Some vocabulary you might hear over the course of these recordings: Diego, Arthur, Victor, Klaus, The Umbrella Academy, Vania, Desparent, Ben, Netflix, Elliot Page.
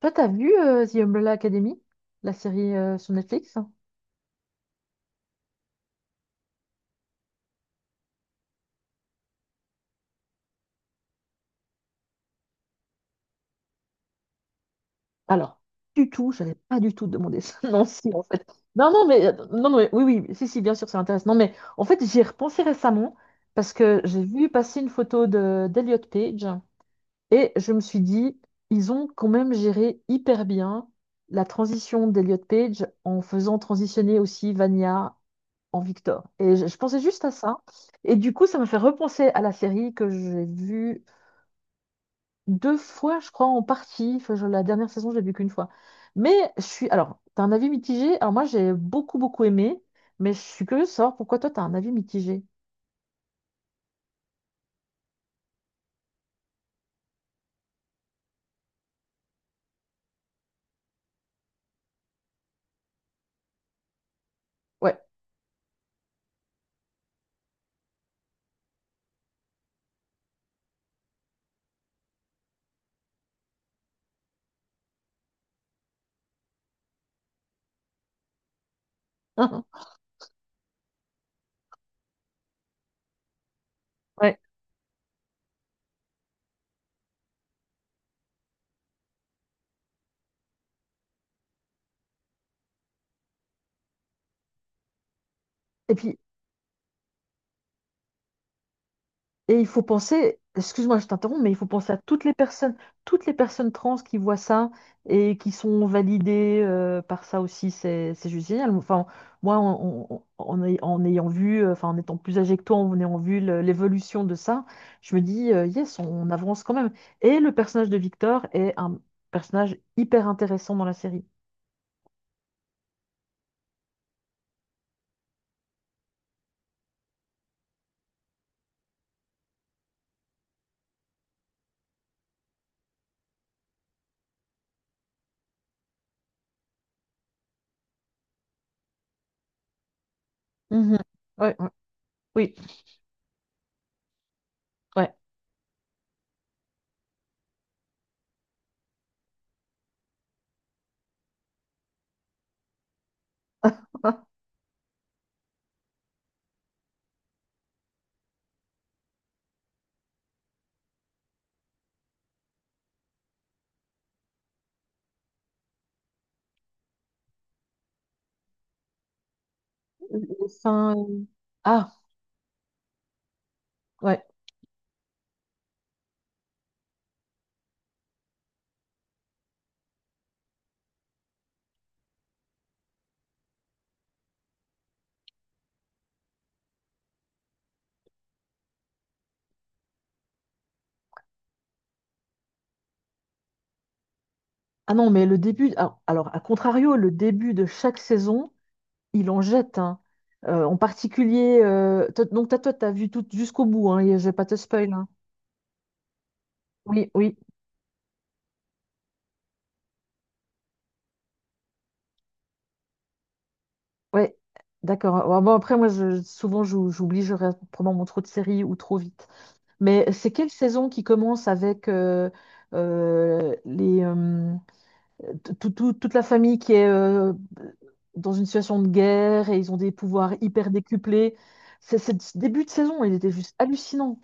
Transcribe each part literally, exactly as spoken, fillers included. Toi, t'as vu euh, The Umbrella Academy, la série euh, sur Netflix? Alors, du tout, je n'avais pas du tout demandé ça. Non, si, en fait. Non, non, mais, euh, non, non, mais- oui, oui, si, si, bien sûr, ça m'intéresse. Non, mais en fait, j'y ai repensé récemment parce que j'ai vu passer une photo de d'Elliot Page et je me suis dit, ils ont quand même géré hyper bien la transition d'Elliot Page en faisant transitionner aussi Vania en Victor. Et je, je pensais juste à ça. Et du coup, ça m'a fait repenser à la série que j'ai vue deux fois, je crois, en partie. Enfin, je- la dernière saison, je l'ai vu qu'une fois. Mais je suis. Alors, t'as un avis mitigé? Alors, moi, j'ai beaucoup, beaucoup aimé, mais je suis curieuse de savoir pourquoi toi, t'as un avis mitigé. Ouais. Ouais. Et puis, et il faut penser, excuse-moi, je t'interromps, mais il faut penser à toutes les personnes, toutes les personnes trans qui voient ça et qui sont validées euh, par ça aussi, c'est c'est juste génial. Enfin, moi, en, en- en ay- en ayant vu, euh, enfin, en étant plus âgé que toi, en ayant vu le- l'évolution de ça, je me dis, euh, yes, on, on avance quand même. Et le personnage de Victor est un personnage hyper intéressant dans la série. Mhm. Ouais, ouais, oui, ouais. Enfin, ah, ouais. Ah non, mais le début, ah, alors à contrario, le début de chaque saison, il en jette, hein. Euh, en particulier, euh, toi- donc t'as- toi, t'as vu tout jusqu'au bout, hein, et je vais pas te spoil, hein. Oui, oui, ouais, d'accord. Ouais, bon, après, moi, je- souvent, j'ou- j'oublie, je regarde probablement trop de séries ou trop vite. Mais c'est quelle saison qui commence avec euh, euh, les, euh, tout- tout- toute la famille qui est euh, dans une situation de guerre et ils ont des pouvoirs hyper décuplés. C'est, c'est- ce début de saison, il était juste hallucinant.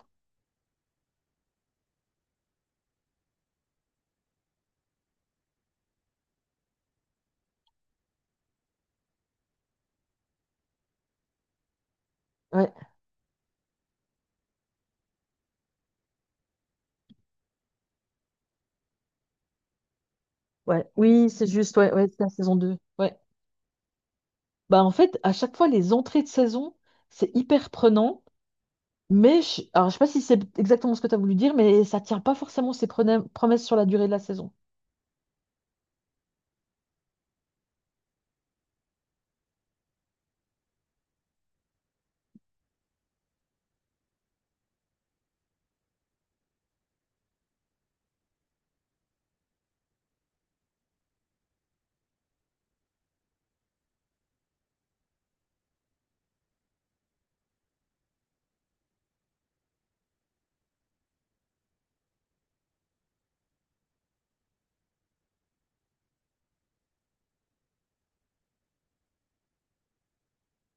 Ouais, ouais, oui, c'est juste, ouais, ouais, c'est la saison deux. Ouais. Bah, en fait, à chaque fois, les entrées de saison, c'est hyper prenant, mais je, alors, je sais pas si c'est exactement ce que tu as voulu dire, mais ça tient pas forcément ses prena- promesses sur la durée de la saison.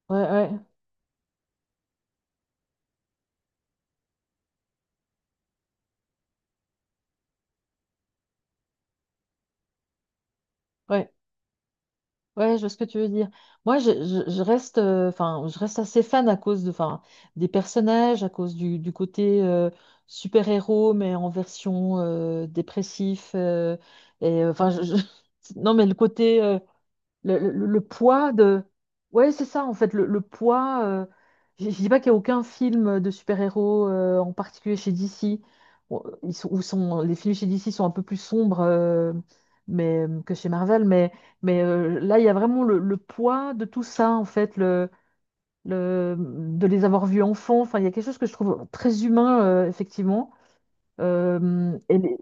Ouais, ouais, ouais. Ouais, je vois ce que tu veux dire. Moi, je, je- je reste, euh, enfin, je reste assez fan à cause de, enfin, des personnages, à cause du, du côté euh, super-héros, mais en version euh, dépressif. euh, et euh, enfin, je- je- non, mais le côté euh, le, le- le poids de... Ouais, c'est ça, en fait, le, le poids... euh, je ne dis pas qu'il n'y a aucun film de super-héros, euh, en particulier chez D C. Bon, ils sont, où sont, les films chez D C sont un peu plus sombres euh, mais, que chez Marvel, mais, mais euh, là, il y a vraiment le, le poids de tout ça, en fait, le, le, de les avoir vus enfants. Enfin, il y a quelque chose que je trouve très humain, euh, effectivement. Euh, et les-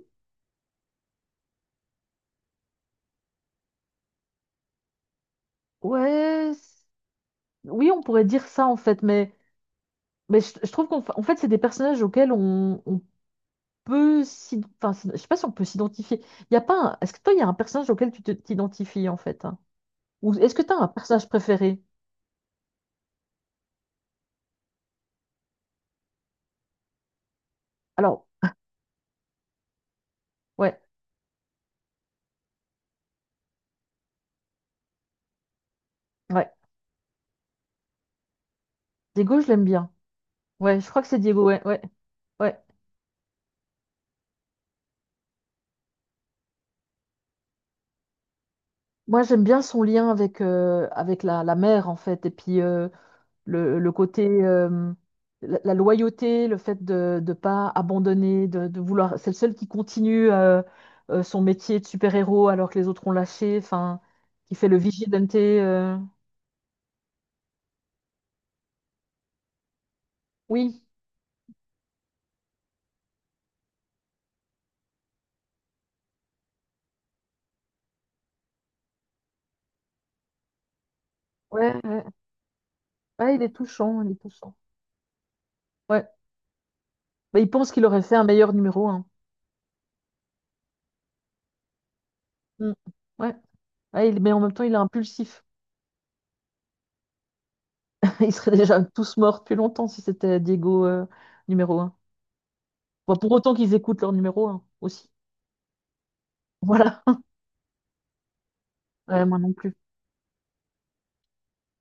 Ouais, c- oui, on pourrait dire ça, en fait, mais... Mais je, je trouve qu'en fa- en fait, c'est des personnages auxquels on, on peut s'y... Enfin, c'est- je sais pas si on peut s'identifier. Il y a pas un- Est-ce que toi, il y a un personnage auquel tu te- t'identifies, en fait, hein? Ou est-ce que tu as un personnage préféré? Alors, ouais, ouais. Diego, je l'aime bien. Ouais, je crois que c'est Diego, ouais, ouais, ouais. Moi, j'aime bien son lien avec, euh, avec la, la mère, en fait. Et puis, euh, le, le côté, euh, la, la loyauté, le fait de ne pas abandonner, de, de vouloir. C'est le seul qui continue euh, euh, son métier de super-héros alors que les autres ont lâché, enfin, qui fait le vigilante. euh. Oui, ouais, ouais. Ouais, il est touchant, il est touchant. Ouais. Mais il pense qu'il aurait fait un meilleur numéro un. Mm. Ouais. Ouais, il- mais en même temps, il est impulsif. Ils seraient déjà tous morts depuis longtemps si c'était Diego euh, numéro un. Bon, pour autant qu'ils écoutent leur numéro un aussi. Voilà. Ouais, moi non plus.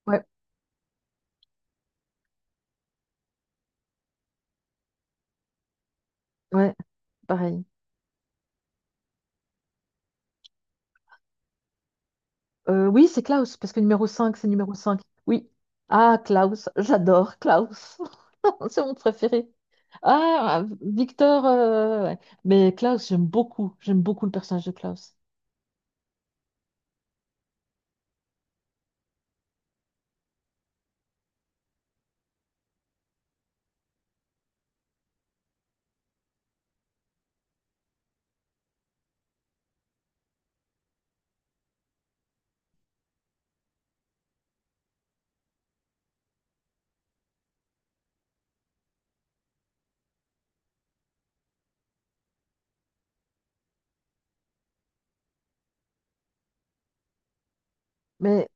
Ouais. Ouais. Pareil. Euh, oui, c'est Klaus, parce que numéro cinq c'est numéro cinq. Oui. Ah, Klaus, j'adore Klaus. C'est mon préféré. Ah, Victor, euh, ouais. Mais Klaus, j'aime beaucoup. J'aime beaucoup le personnage de Klaus. Mais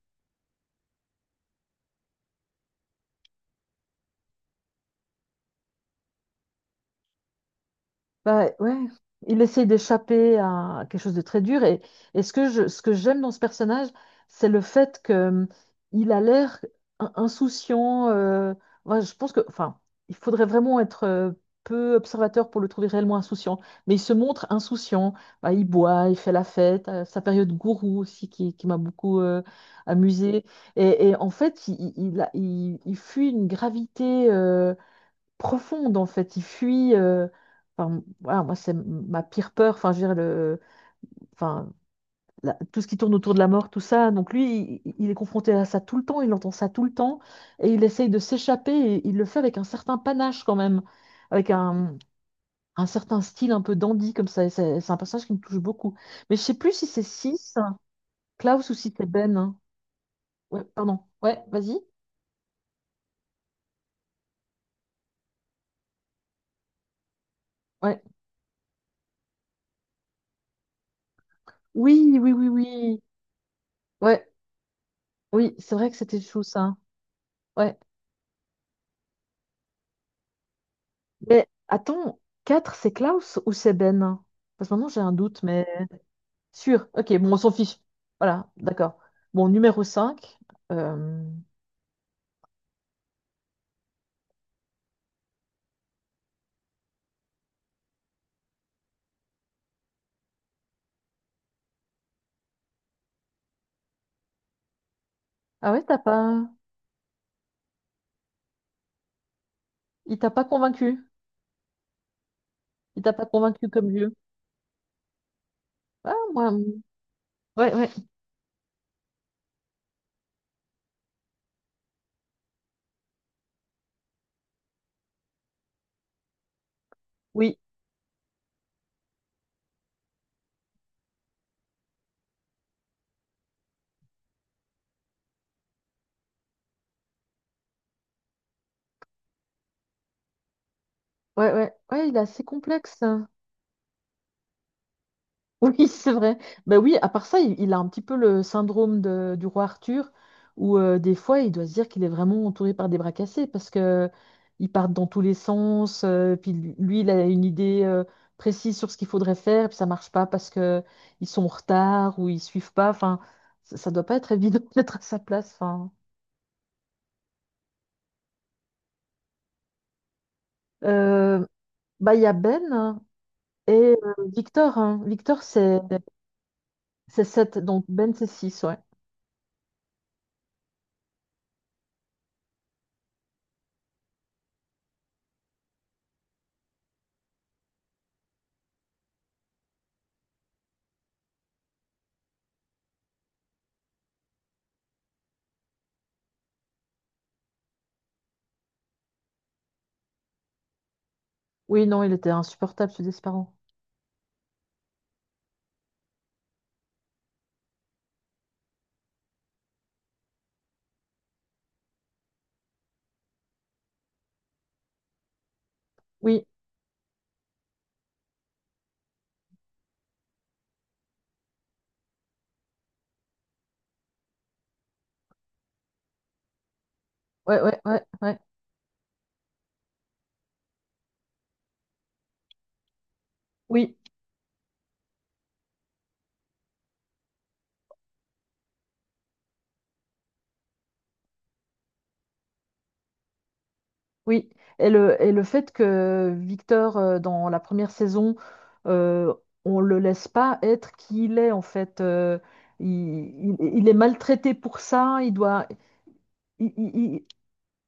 bah ouais, il essaye d'échapper à quelque chose de très dur. Et, et ce que je, ce que j'aime dans ce personnage, c'est le fait que hum, il a l'air in- insouciant. euh, ouais, je pense que, enfin, il faudrait vraiment être euh, peu observateur pour le trouver réellement insouciant. Mais il se montre insouciant. Bah, il boit, il fait la fête. euh, sa période gourou aussi qui, qui m'a beaucoup euh, amusée. Et, et en fait, il, il, il a- il- il fuit une gravité. euh, profonde en fait. Il fuit. euh, enfin, voilà, moi c'est ma pire peur. Enfin, je veux dire le, enfin la- tout ce qui tourne autour de la mort, tout ça. Donc lui, il, il est confronté à ça tout le temps. Il entend ça tout le temps et il essaye de s'échapper. Et il le fait avec un certain panache quand même, avec un un certain style un peu dandy comme ça. Et C'est c'est un personnage qui me touche beaucoup. Mais je sais plus si c'est six Klaus ou si c'est Ben, hein. Ouais, pardon. Ouais, vas-y. Ouais. Oui, oui, oui, oui. Ouais, oui, c'est vrai que c'était chou ça. Ouais. Mais attends, quatre c'est Klaus ou c'est Ben? Parce que maintenant j'ai un doute, mais sûr. Ok, bon, on s'en fiche. Voilà, d'accord. Bon, numéro cinq. euh, Ah ouais, t'as pas... Il t'a pas convaincu. Il t'a pas convaincu comme vieux. Ah, moi... hum, ouais, ouais. Oui, ouais, ouais. Ouais, il est assez complexe. Oui, c'est vrai. Ben oui, à part ça, il, il a un petit peu le syndrome de- du roi Arthur, où euh, des fois, il doit se dire qu'il est vraiment entouré par des bras cassés, parce que ils partent dans tous les sens, euh, puis lui, lui, il a une idée euh, précise sur ce qu'il faudrait faire, puis ça marche pas parce que ils sont en retard ou ils suivent pas. Enfin, ça, ça doit pas être évident d'être à sa place. Enfin, Euh, bah, il y a Ben hein, et euh, Victor, hein. Victor, c'est c'est sept, donc Ben, c'est six, ouais. Oui, non, il était insupportable, ce Desparent. Oui. Ouais, ouais, ouais, ouais. Oui, oui. Et le, et le fait que Victor, euh, dans la première saison, euh, on le laisse pas être qui il est, en fait. euh, il, il- il est maltraité pour ça. Il doit, il, il-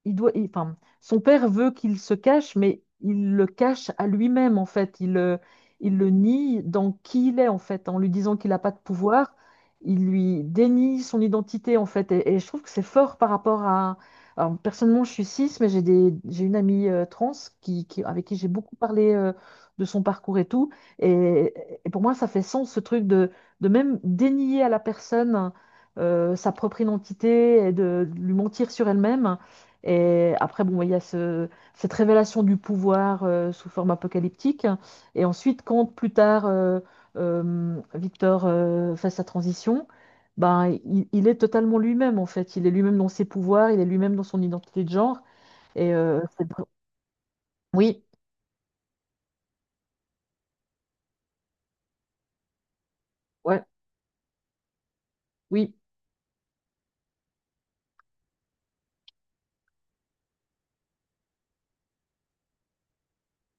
il doit, il- enfin, son père veut qu'il se cache, mais il le cache à lui-même, en fait. Il, euh, il le nie dans qui il est, en fait. En lui disant qu'il n'a pas de pouvoir, il lui dénie son identité, en fait. Et, et je trouve que c'est fort par rapport à... alors, personnellement, je suis cis, mais j'ai des, j'ai une amie euh, trans qui, qui- avec qui j'ai beaucoup parlé euh, de son parcours et tout. Et, et pour moi, ça fait sens, ce truc de, de même dénier à la personne euh, sa propre identité et de lui mentir sur elle-même. Et après, bon, bah, il y a ce- cette révélation du pouvoir euh, sous forme apocalyptique. Et ensuite, quand plus tard, euh, euh, Victor euh, fait sa transition, ben, il, il est totalement lui-même, en fait. Il est lui-même dans ses pouvoirs, il est lui-même dans son identité de genre. Et euh, c'est- oui, ouais, oui,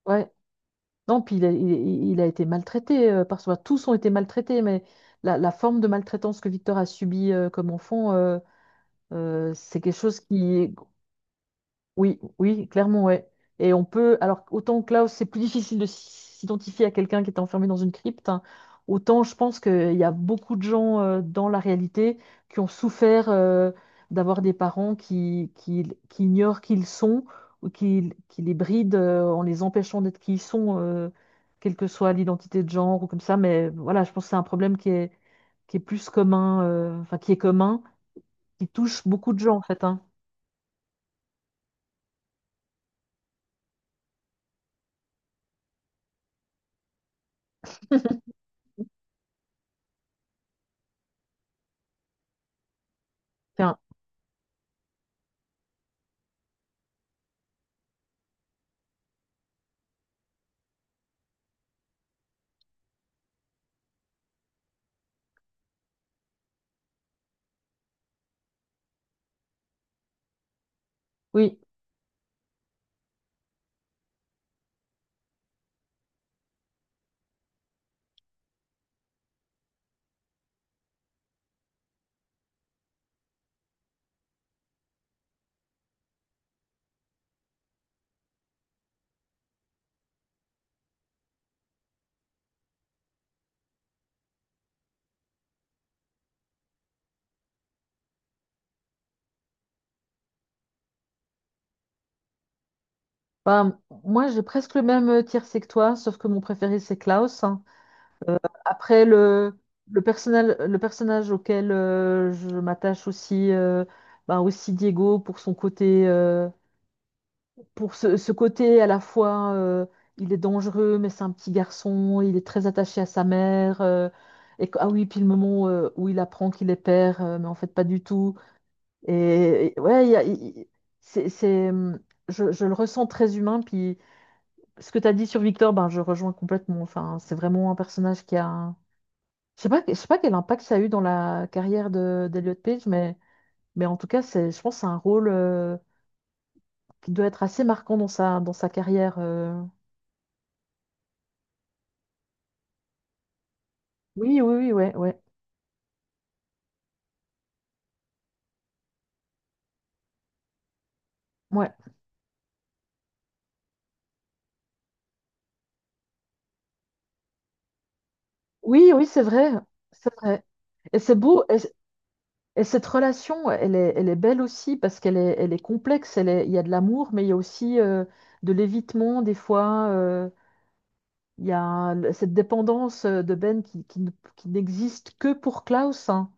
ouais. Non, puis il a, il- il a été maltraité euh, par soi. Tous ont été maltraités, mais la, la forme de maltraitance que Victor a subie euh, comme enfant, euh, euh, c'est quelque chose qui, oui, oui, clairement, ouais. Et on peut, alors autant que là, c'est plus difficile de s'identifier à quelqu'un qui est enfermé dans une crypte, hein, autant je pense qu'il y a beaucoup de gens euh, dans la réalité qui ont souffert euh, d'avoir des parents qui, qui, qui ignorent qui ils sont ou qui, qui les brident euh, en les empêchant d'être qui ils sont, euh, quelle que soit l'identité de genre ou comme ça. Mais voilà, je pense que c'est un problème qui est, qui est plus commun, euh, enfin qui est commun, qui touche beaucoup de gens en fait, hein. Enfin, oui. Ben, moi, j'ai presque le même euh, tiercé que toi, sauf que mon préféré, c'est Klaus, hein. Euh, après, le, le, personnel- le personnage auquel euh, je m'attache aussi, euh, ben, aussi Diego, pour son côté, euh, pour ce, ce côté à la fois, euh, il est dangereux, mais c'est un petit garçon, il est très attaché à sa mère. euh, et, qu- ah oui, puis le moment euh, où il apprend qu'il est père, euh, mais en fait, pas du tout. Et, et ouais, il y a- il- il- c'est, c'est, hum, je, je le ressens très humain, puis. Ce que tu as dit sur Victor, ben, je rejoins complètement. Enfin, c'est vraiment un personnage qui a. un- Je sais pas, je sais pas quel impact ça a eu dans la carrière de d'Elliot Page, mais, mais en tout cas, c'est, je pense que c'est un rôle euh, qui doit être assez marquant dans sa, dans sa carrière. euh. Oui, oui, oui, ouais, ouais, ouais. Oui, oui, c'est vrai. C'est vrai. Et c'est beau. Et, et cette relation, elle est, elle est belle aussi parce qu'elle est, elle est complexe. Elle est- il y a de l'amour, mais il y a aussi euh, de l'évitement des fois. euh, Il y a le- cette dépendance euh, de Ben qui, qui ne- qui n'existe que pour Klaus, hein.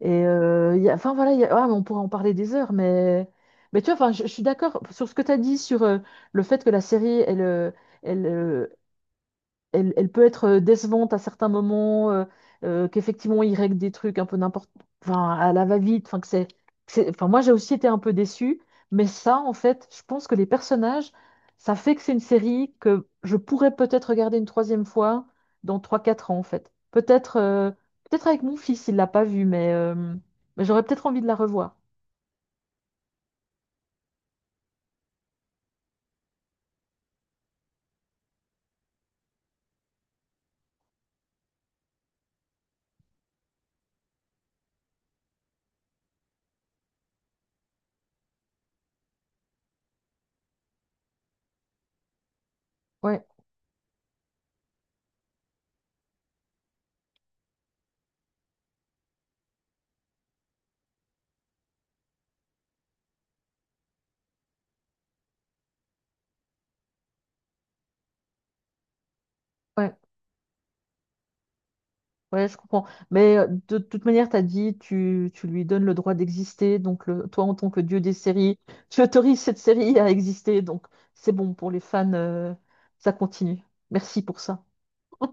Et euh, il y a- enfin voilà, il y a- ah, mais on pourrait en parler des heures, mais, mais tu vois, enfin, je, je suis d'accord sur ce que tu as dit sur euh, le fait que la série, elle euh, elle, euh, elle, elle peut être décevante à certains moments, euh, euh, qu'effectivement, il règle des trucs un peu n'importe, enfin, à la va-vite, enfin, que c'est, que c'est- enfin, moi, j'ai aussi été un peu déçue, mais ça, en fait, je pense que les personnages, ça fait que c'est une série que je pourrais peut-être regarder une troisième fois dans trois quatre ans, en fait. Peut-être, euh, peut-être avec mon fils, il l'a pas vue, mais, euh, mais j'aurais peut-être envie de la revoir. Ouais, ouais. Ouais, je comprends. Mais euh, de toute manière, tu as dit, tu, tu lui donnes le droit d'exister. Donc, le- toi, en tant que dieu des séries, tu autorises cette série à exister. Donc, c'est bon pour les fans. euh, ça continue. Merci pour ça.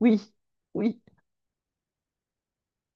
Oui, oui.